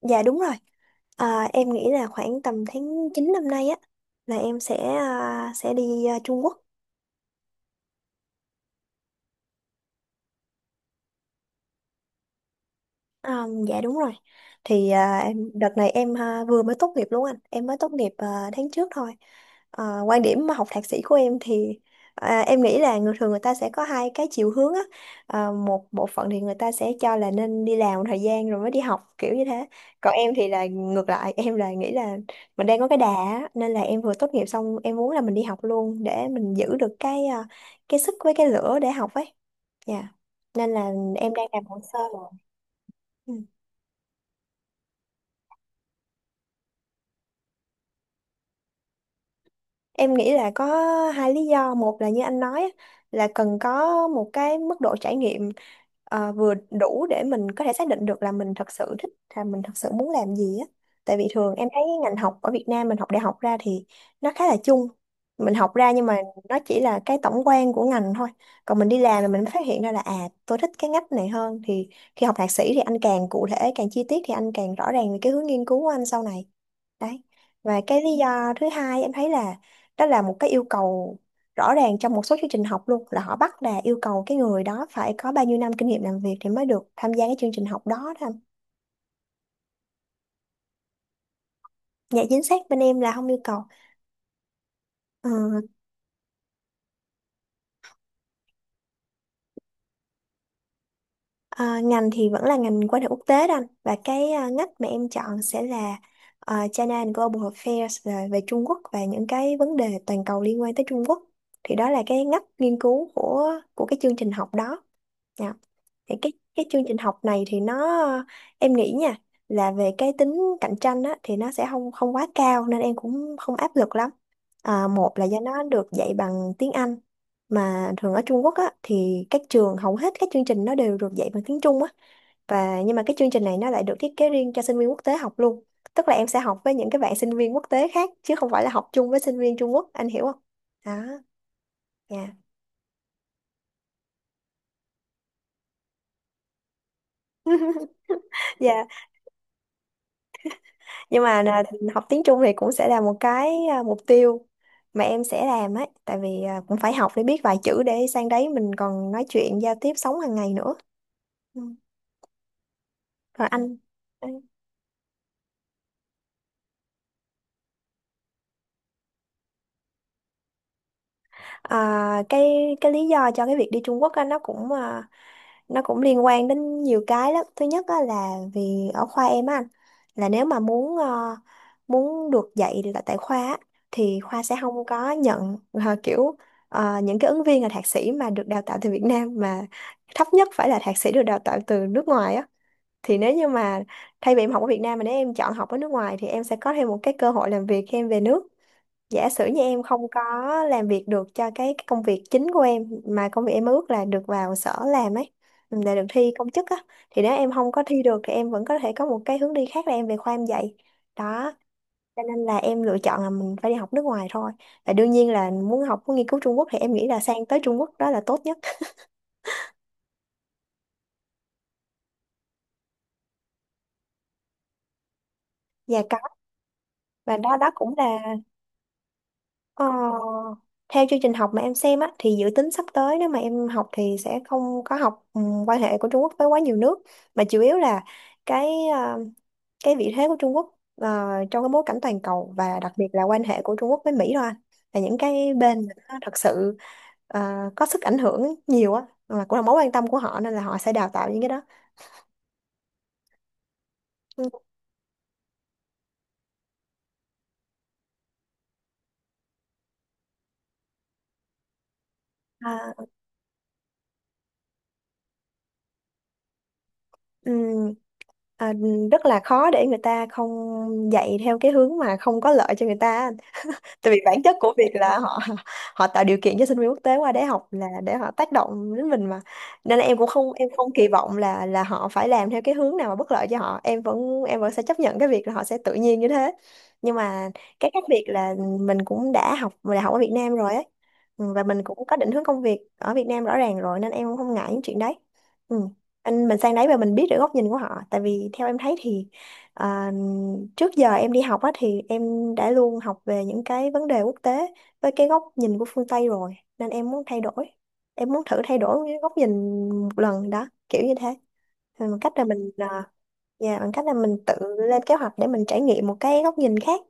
Dạ đúng rồi. Em nghĩ là khoảng tầm tháng 9 năm nay á là em sẽ sẽ đi Trung Quốc. Dạ đúng rồi. Em đợt này em vừa mới tốt nghiệp luôn anh. Em mới tốt nghiệp tháng trước thôi. Quan điểm mà học thạc sĩ của em thì em nghĩ là người thường người ta sẽ có hai cái chiều hướng á. Một bộ phận thì người ta sẽ cho là nên đi làm một thời gian rồi mới đi học kiểu như thế. Còn em thì là ngược lại, em nghĩ là mình đang có cái đà á, nên là em vừa tốt nghiệp xong em muốn là mình đi học luôn để mình giữ được cái cái sức với cái lửa để học ấy. Dạ. Nên là em đang làm hồ sơ rồi. Ừ. Em nghĩ là có hai lý do. Một là như anh nói á, là cần có một cái mức độ trải nghiệm vừa đủ để mình có thể xác định được là mình thật sự thích là mình thật sự muốn làm gì á. Tại vì thường em thấy ngành học ở Việt Nam mình học đại học ra thì nó khá là chung. Mình học ra nhưng mà nó chỉ là cái tổng quan của ngành thôi. Còn mình đi làm là mình mới phát hiện ra là tôi thích cái ngách này hơn thì khi học thạc sĩ thì anh càng cụ thể, càng chi tiết thì anh càng rõ ràng về cái hướng nghiên cứu của anh sau này. Đấy. Và cái lý do thứ hai em thấy là đó là một cái yêu cầu rõ ràng trong một số chương trình học luôn là họ bắt là yêu cầu cái người đó phải có bao nhiêu năm kinh nghiệm làm việc thì mới được tham gia cái chương trình học đó đó anh. Dạ chính xác bên em là không yêu cầu. Ờ, ngành thì vẫn là ngành quan hệ quốc tế đó anh và cái ngách mà em chọn sẽ là China and Global Affairs, là về Trung Quốc và những cái vấn đề toàn cầu liên quan tới Trung Quốc, thì đó là cái ngách nghiên cứu của cái chương trình học đó. Dạ. Thì cái chương trình học này thì nó em nghĩ nha là về cái tính cạnh tranh á, thì nó sẽ không không quá cao nên em cũng không áp lực lắm. Một là do nó được dạy bằng tiếng Anh, mà thường ở Trung Quốc á, thì các trường hầu hết các chương trình nó đều được dạy bằng tiếng Trung á. Và nhưng mà cái chương trình này nó lại được thiết kế riêng cho sinh viên quốc tế học luôn. Tức là em sẽ học với những cái bạn sinh viên quốc tế khác chứ không phải là học chung với sinh viên Trung Quốc, anh hiểu không? Đó, dạ. Dạ nhưng mà là học tiếng Trung thì cũng sẽ là một cái mục tiêu mà em sẽ làm ấy, tại vì cũng phải học để biết vài chữ để sang đấy mình còn nói chuyện giao tiếp sống hàng ngày nữa. Ừ. Rồi anh, à, cái cái lý do cho cái việc đi Trung Quốc á, nó cũng nó cũng liên quan đến nhiều cái lắm. Thứ nhất á, là vì ở khoa em á anh, là nếu mà muốn muốn được dạy là tại khoa á, thì khoa sẽ không có nhận kiểu những cái ứng viên là thạc sĩ mà được đào tạo từ Việt Nam, mà thấp nhất phải là thạc sĩ được đào tạo từ nước ngoài á. Thì nếu như mà thay vì em học ở Việt Nam mà nếu em chọn học ở nước ngoài thì em sẽ có thêm một cái cơ hội làm việc khi em về nước. Giả sử như em không có làm việc được cho cái công việc chính của em, mà công việc em ước là được vào sở làm ấy, ừ, để được thi công chức á, thì nếu em không có thi được thì em vẫn có thể có một cái hướng đi khác là em về khoa em dạy. Đó. Cho nên là em lựa chọn là mình phải đi học nước ngoài thôi, và đương nhiên là muốn học muốn nghiên cứu Trung Quốc thì em nghĩ là sang tới Trung Quốc đó là tốt nhất. Và có, và đó đó cũng là. Ờ, theo chương trình học mà em xem á, thì dự tính sắp tới nếu mà em học thì sẽ không có học quan hệ của Trung Quốc với quá nhiều nước, mà chủ yếu là cái ờ, cái vị thế của Trung Quốc trong cái bối cảnh toàn cầu, và đặc biệt là quan hệ của Trung Quốc với Mỹ thôi anh. Là những cái bên mà nó thật sự ờ, có sức ảnh hưởng nhiều á, mà cũng là mối quan tâm của họ nên là họ sẽ đào tạo những cái đó. Ờ. Ừ. Rất là khó để người ta không dạy theo cái hướng mà không có lợi cho người ta á. Tại vì bản chất của việc là họ họ tạo điều kiện cho sinh viên quốc tế qua để học là để họ tác động đến mình mà, nên là em cũng không em không kỳ vọng là họ phải làm theo cái hướng nào mà bất lợi cho họ. Em vẫn sẽ chấp nhận cái việc là họ sẽ tự nhiên như thế. Nhưng mà cái khác biệt là mình cũng đã học đại học ở Việt Nam rồi ấy. Ừ, và mình cũng có định hướng công việc ở Việt Nam rõ ràng rồi nên em cũng không ngại những chuyện đấy. Ừ. Anh mình sang đấy và mình biết được góc nhìn của họ, tại vì theo em thấy thì À, trước giờ em đi học á thì em đã luôn học về những cái vấn đề quốc tế với cái góc nhìn của phương Tây rồi, nên em muốn thay đổi, em muốn thử thay đổi cái góc nhìn một lần đó kiểu như thế. Rồi bằng cách là dạ, bằng cách là mình tự lên kế hoạch để mình trải nghiệm một cái góc nhìn khác.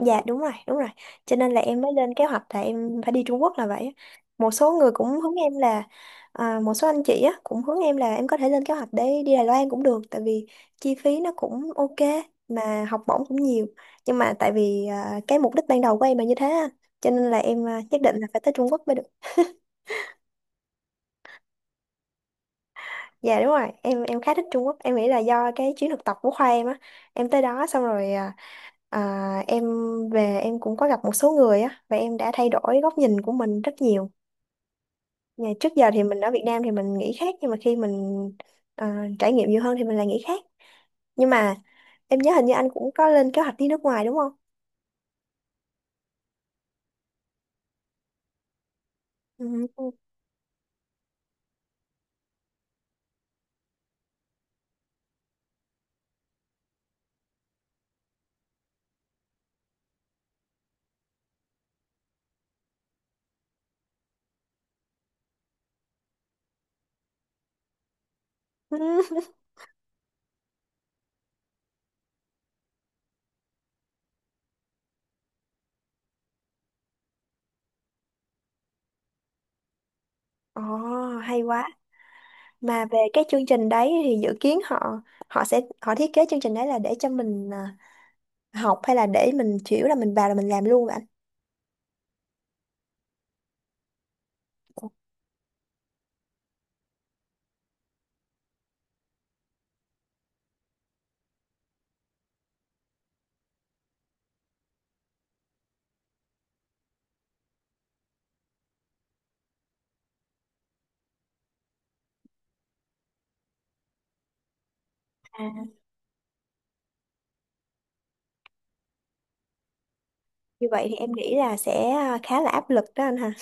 Dạ đúng rồi, đúng rồi. Cho nên là em mới lên kế hoạch là em phải đi Trung Quốc là vậy á. Một số người cũng hướng em là một số anh chị á cũng hướng em là em có thể lên kế hoạch để đi Đài Loan cũng được, tại vì chi phí nó cũng ok mà học bổng cũng nhiều. Nhưng mà tại vì cái mục đích ban đầu của em là như thế á, cho nên là em nhất định là phải tới Trung Quốc mới được. Dạ đúng rồi, em khá thích Trung Quốc. Em nghĩ là do cái chuyến thực tập của khoa em á, em tới đó xong rồi, em về em cũng có gặp một số người á và em đã thay đổi góc nhìn của mình rất nhiều. Nhà trước giờ thì mình ở Việt Nam thì mình nghĩ khác, nhưng mà khi mình trải nghiệm nhiều hơn thì mình lại nghĩ khác. Nhưng mà em nhớ hình như anh cũng có lên kế hoạch đi nước ngoài đúng không? Ừ. Ừ. Ồ, hay quá. Mà về cái chương trình đấy thì dự kiến họ họ sẽ thiết kế chương trình đấy là để cho học, hay là để mình chỉ là mình vào là mình làm luôn vậy anh? À, như vậy thì em nghĩ là sẽ khá là áp lực đó anh ha.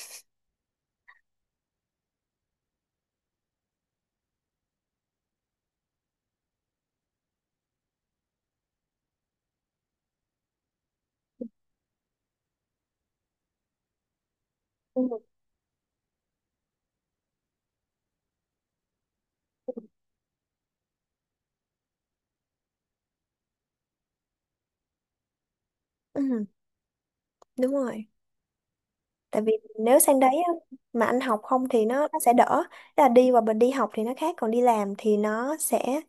Ừ. Ừ, đúng rồi. Tại vì nếu sang đấy á, mà anh học không thì nó sẽ đỡ. Tức là đi và mình đi học thì nó khác, còn đi làm thì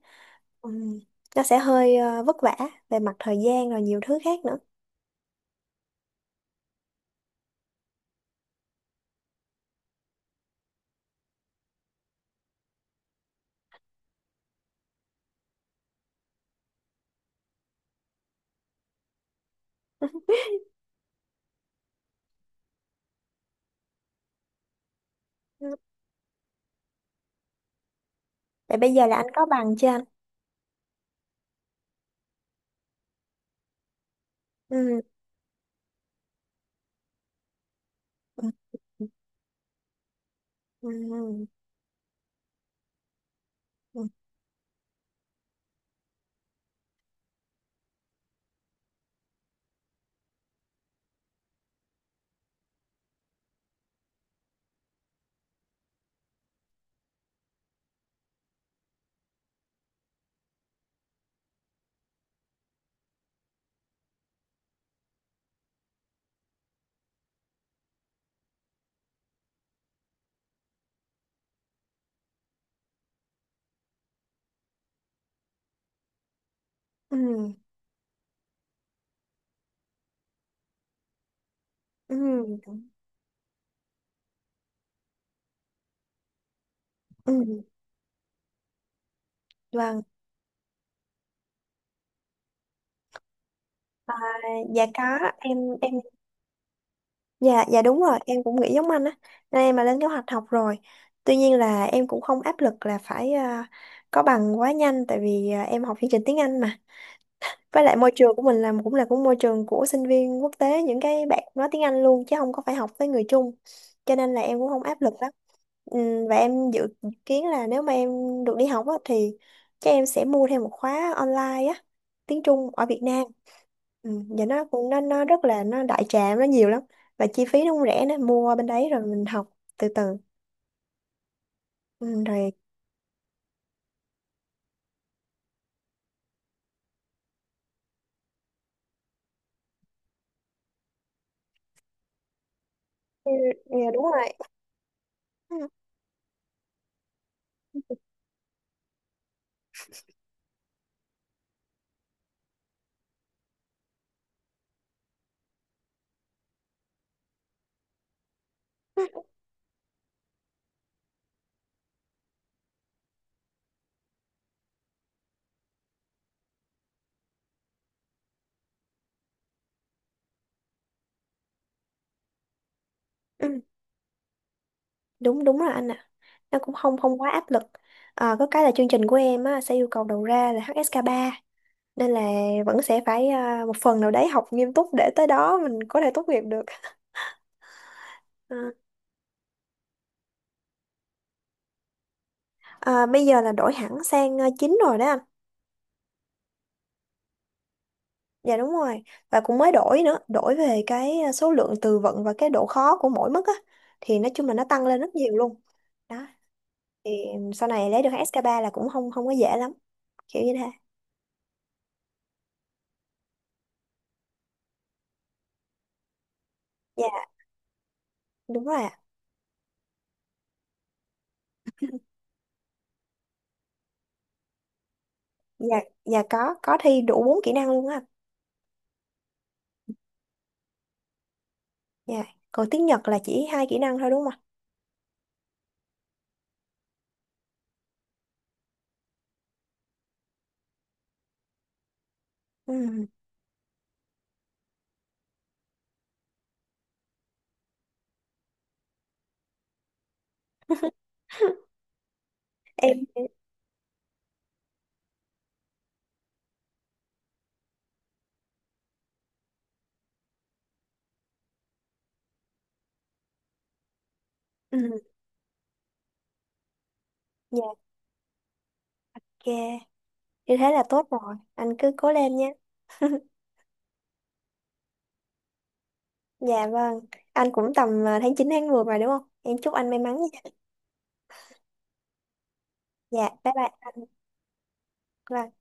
ừm, nó sẽ hơi vất vả về mặt thời gian rồi nhiều thứ khác nữa. Ừ. Vậy bây giờ là anh có bằng chưa anh? Ừ. Ừ. Ừ. Ừ. Ừ. Ừ. Ừ. Vâng, à, dạ có, em Dạ, dạ đúng rồi, em cũng nghĩ giống anh á. Nên em mà lên kế hoạch học rồi. Tuy nhiên là em cũng không áp lực là phải có bằng quá nhanh tại vì em học chương trình tiếng Anh mà. Với lại môi trường của mình là cũng là môi trường của sinh viên quốc tế, những cái bạn nói tiếng Anh luôn chứ không có phải học với người Trung. Cho nên là em cũng không áp lực lắm. Và em dự kiến là nếu mà em được đi học á, thì chắc em sẽ mua thêm một khóa online á, tiếng Trung ở Việt Nam. Ừ, và nó cũng nó rất là nó đại trà, nó nhiều lắm, và chi phí nó cũng rẻ nữa, mua bên đấy rồi mình học từ từ. Ừ, rồi ừ, ừ, đúng rồi. Ừ, đúng đúng là anh ạ, nó cũng không không quá áp lực. Có cái là chương trình của em á, sẽ yêu cầu đầu ra là HSK3, nên là vẫn sẽ phải một phần nào đấy học nghiêm túc để tới đó mình có thể tốt nghiệp được. à, bây giờ là đổi hẳn sang chính rồi đó anh. Dạ đúng rồi. Và cũng mới đổi nữa, đổi về cái số lượng từ vựng và cái độ khó của mỗi mức á, thì nói chung là nó tăng lên rất nhiều luôn. Đó, thì sau này lấy được SK3 là cũng không không có dễ lắm, kiểu như thế. Dạ, đúng rồi ạ. Dạ, dạ có thi đủ 4 kỹ năng luôn á. Dạ. Còn tiếng Nhật là chỉ hai kỹ năng thôi đúng không ạ? Ừ. Em ừ. Dạ ok. Như thế là tốt rồi. Anh cứ cố lên nha. Dạ vâng. Anh cũng tầm tháng 9 tháng 10 mà đúng không? Em chúc anh may mắn nha. Dạ, bye bye.